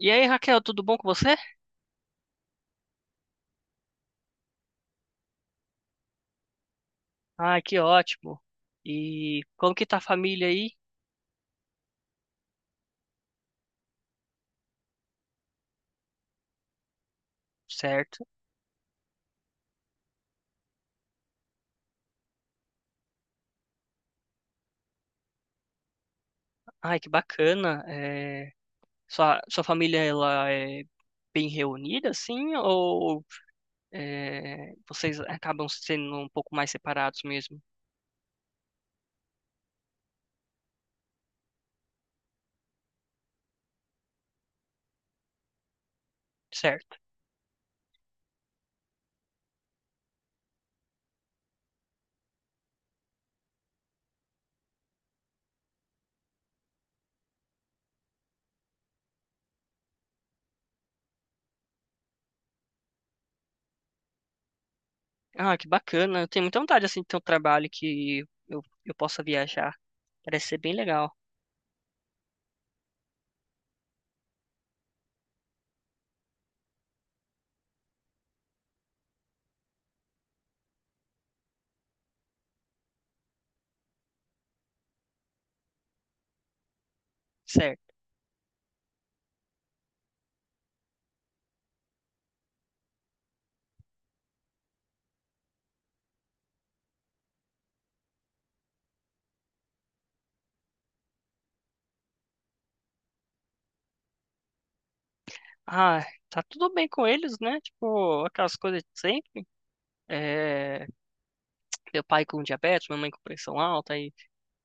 E aí, Raquel, tudo bom com você? Ai, que ótimo. E como que tá a família aí? Certo. Ai, que bacana. É, Sua família, ela é bem reunida, assim? Ou é, vocês acabam sendo um pouco mais separados mesmo? Certo. Ah, que bacana. Eu tenho muita vontade, assim, de ter um trabalho que eu possa viajar. Parece ser bem legal. Certo. Ah, tá tudo bem com eles, né? Tipo, aquelas coisas de sempre. É, meu pai com diabetes, minha mãe com pressão alta, e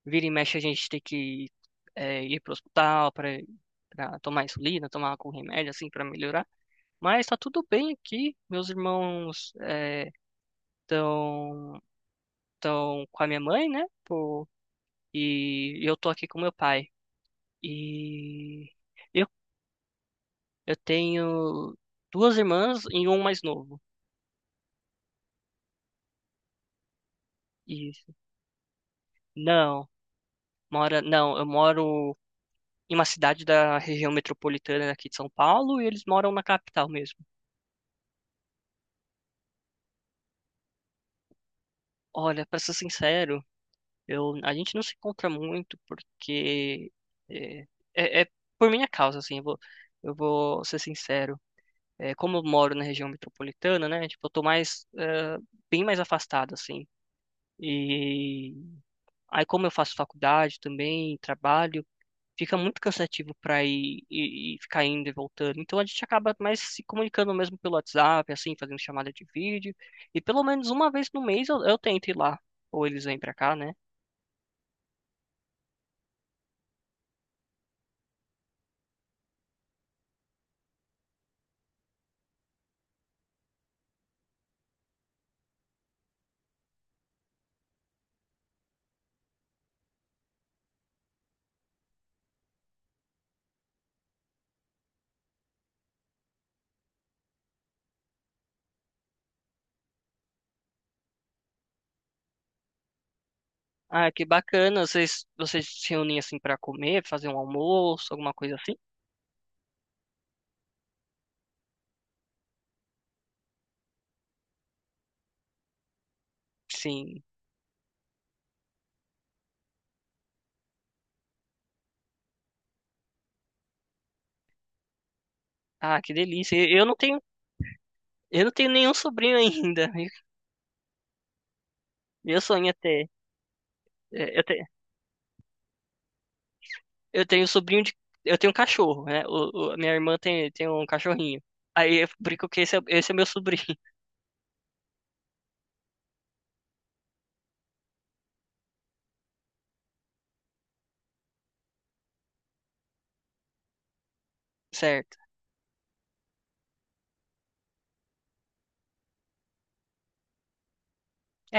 vira e mexe a gente tem que ir pro hospital para tomar insulina, tomar algum remédio assim para melhorar. Mas tá tudo bem aqui. Meus irmãos estão estão com a minha mãe, né? Pô, e eu tô aqui com meu pai. E eu, eu tenho duas irmãs e um mais novo. E não, mora, não, eu moro em uma cidade da região metropolitana aqui de São Paulo e eles moram na capital mesmo. Olha, pra ser sincero, a gente não se encontra muito porque é, é por minha causa, assim, eu vou ser sincero. É, como eu moro na região metropolitana, né? Tipo, eu tô mais, bem mais afastado, assim. E aí, como eu faço faculdade também, trabalho, fica muito cansativo para ir e ficar indo e voltando. Então a gente acaba mais se comunicando mesmo pelo WhatsApp, assim, fazendo chamada de vídeo. E pelo menos uma vez no mês eu tento ir lá, ou eles vêm para cá, né? Ah, que bacana. Vocês se reúnem assim para comer, fazer um almoço, alguma coisa assim? Sim. Ah, que delícia. Eu não tenho nenhum sobrinho ainda. Meu sonho é ter. é, Eu tenho, eu tenho sobrinho de Eu tenho um cachorro, né? A minha irmã tem um cachorrinho. Aí eu brinco que esse é meu sobrinho. Certo.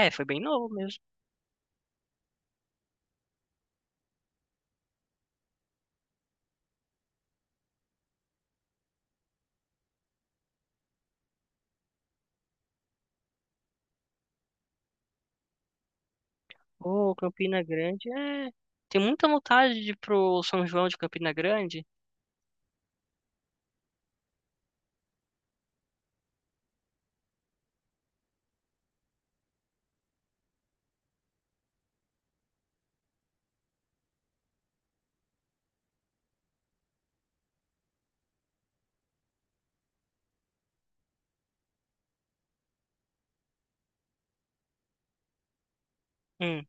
É, foi bem novo mesmo. Ô, Campina Grande, é. Tem muita vontade de ir pro São João de Campina Grande. Hum,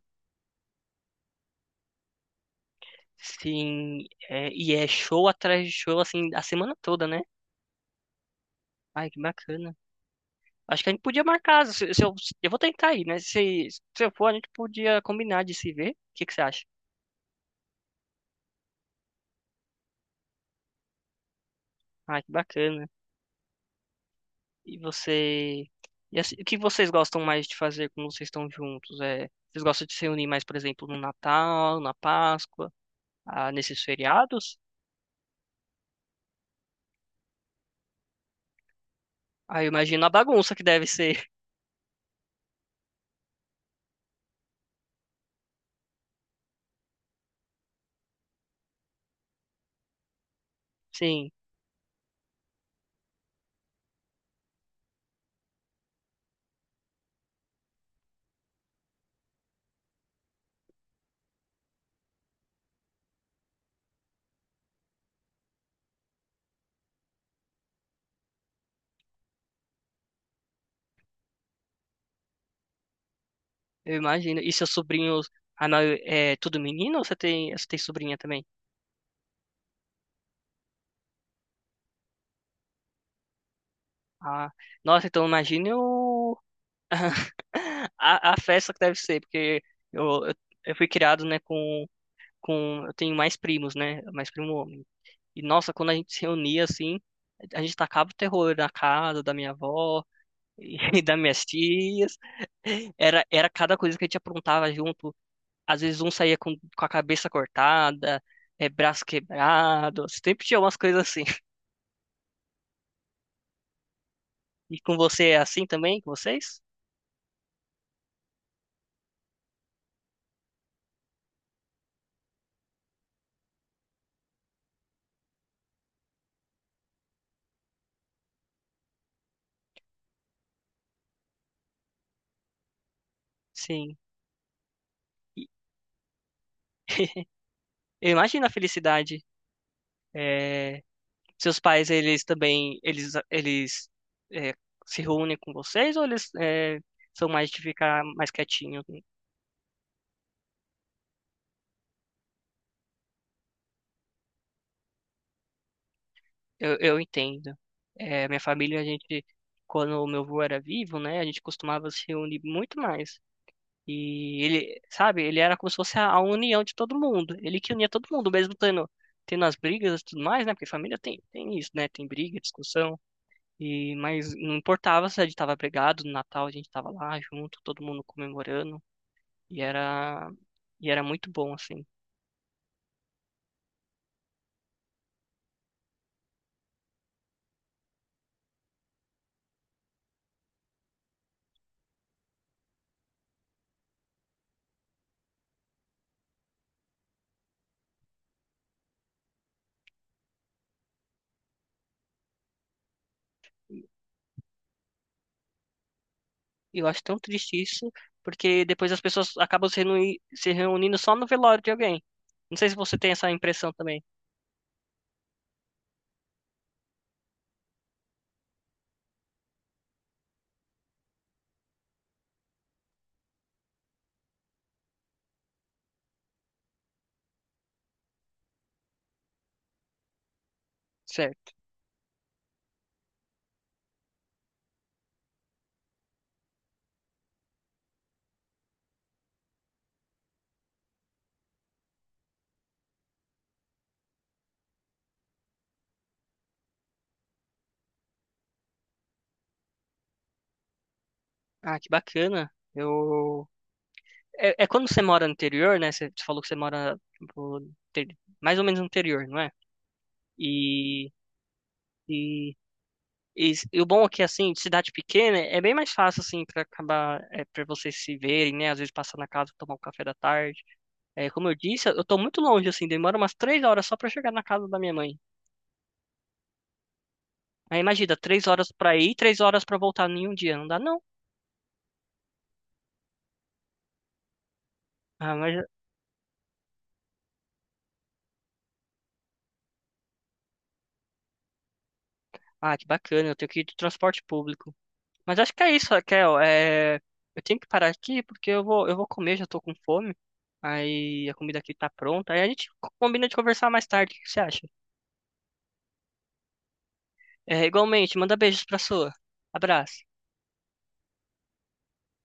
sim. E é show atrás de show, assim, a semana toda, né? Ai, que bacana. Acho que a gente podia marcar. Se eu vou tentar ir, né? Se eu for, a gente podia combinar de se ver. O que que você acha? Ai, que bacana. E você. E assim, o que vocês gostam mais de fazer quando vocês estão juntos? É, vocês gostam de se reunir mais, por exemplo, no Natal, na Páscoa, ah, nesses feriados? Ah, eu imagino a bagunça que deve ser. Sim, eu imagino. E seus sobrinhos, ah, não, é tudo menino ou você tem sobrinha também? Ah, nossa, então imagine. A festa que deve ser, porque eu, eu, eu fui criado, né. Eu tenho mais primos, né, mais primo homem. E, nossa, quando a gente se reunia, assim, a gente tacava o terror na casa da minha avó e das minhas tias. Era cada coisa que a gente aprontava junto. Às vezes um saía com a cabeça cortada, braço quebrado. Sempre tinha umas coisas assim. E com você é assim também, com vocês? Sim. E- Eu imagino a felicidade. É, seus pais, eles também, eles é, se reúnem com vocês ou eles são mais de ficar mais quietinho? Eu entendo. É, minha família, a gente, quando o meu avô era vivo, né, a gente costumava se reunir muito mais. E ele, sabe, ele era como se fosse a união de todo mundo. Ele que unia todo mundo, mesmo tendo as brigas e tudo mais, né? Porque família tem isso, né? Tem briga, discussão. E, mas não importava se a gente tava brigado, no Natal a gente tava lá junto, todo mundo comemorando. E era, e era muito bom, assim. E eu acho tão triste isso, porque depois as pessoas acabam se reunindo só no velório de alguém. Não sei se você tem essa impressão também. Certo. Ah, que bacana. Eu é quando você mora no interior, né? Você falou que você mora tipo, mais ou menos no interior, não é? E, e, e o bom é que, assim, de cidade pequena, é bem mais fácil, assim, para acabar, para vocês se verem, né? Às vezes passar na casa, tomar um café da tarde. É, como eu disse, eu tô muito longe, assim, demora umas 3 horas só para chegar na casa da minha mãe. Aí imagina, 3 horas para ir, 3 horas para voltar em um dia. Não dá, não. Ah, mas, ah, que bacana, eu tenho que ir de transporte público. Mas acho que é isso, Raquel. É, eu tenho que parar aqui porque eu vou comer, já tô com fome. Aí a comida aqui tá pronta. Aí a gente combina de conversar mais tarde. O que você acha? É, igualmente, manda beijos pra sua. Abraço.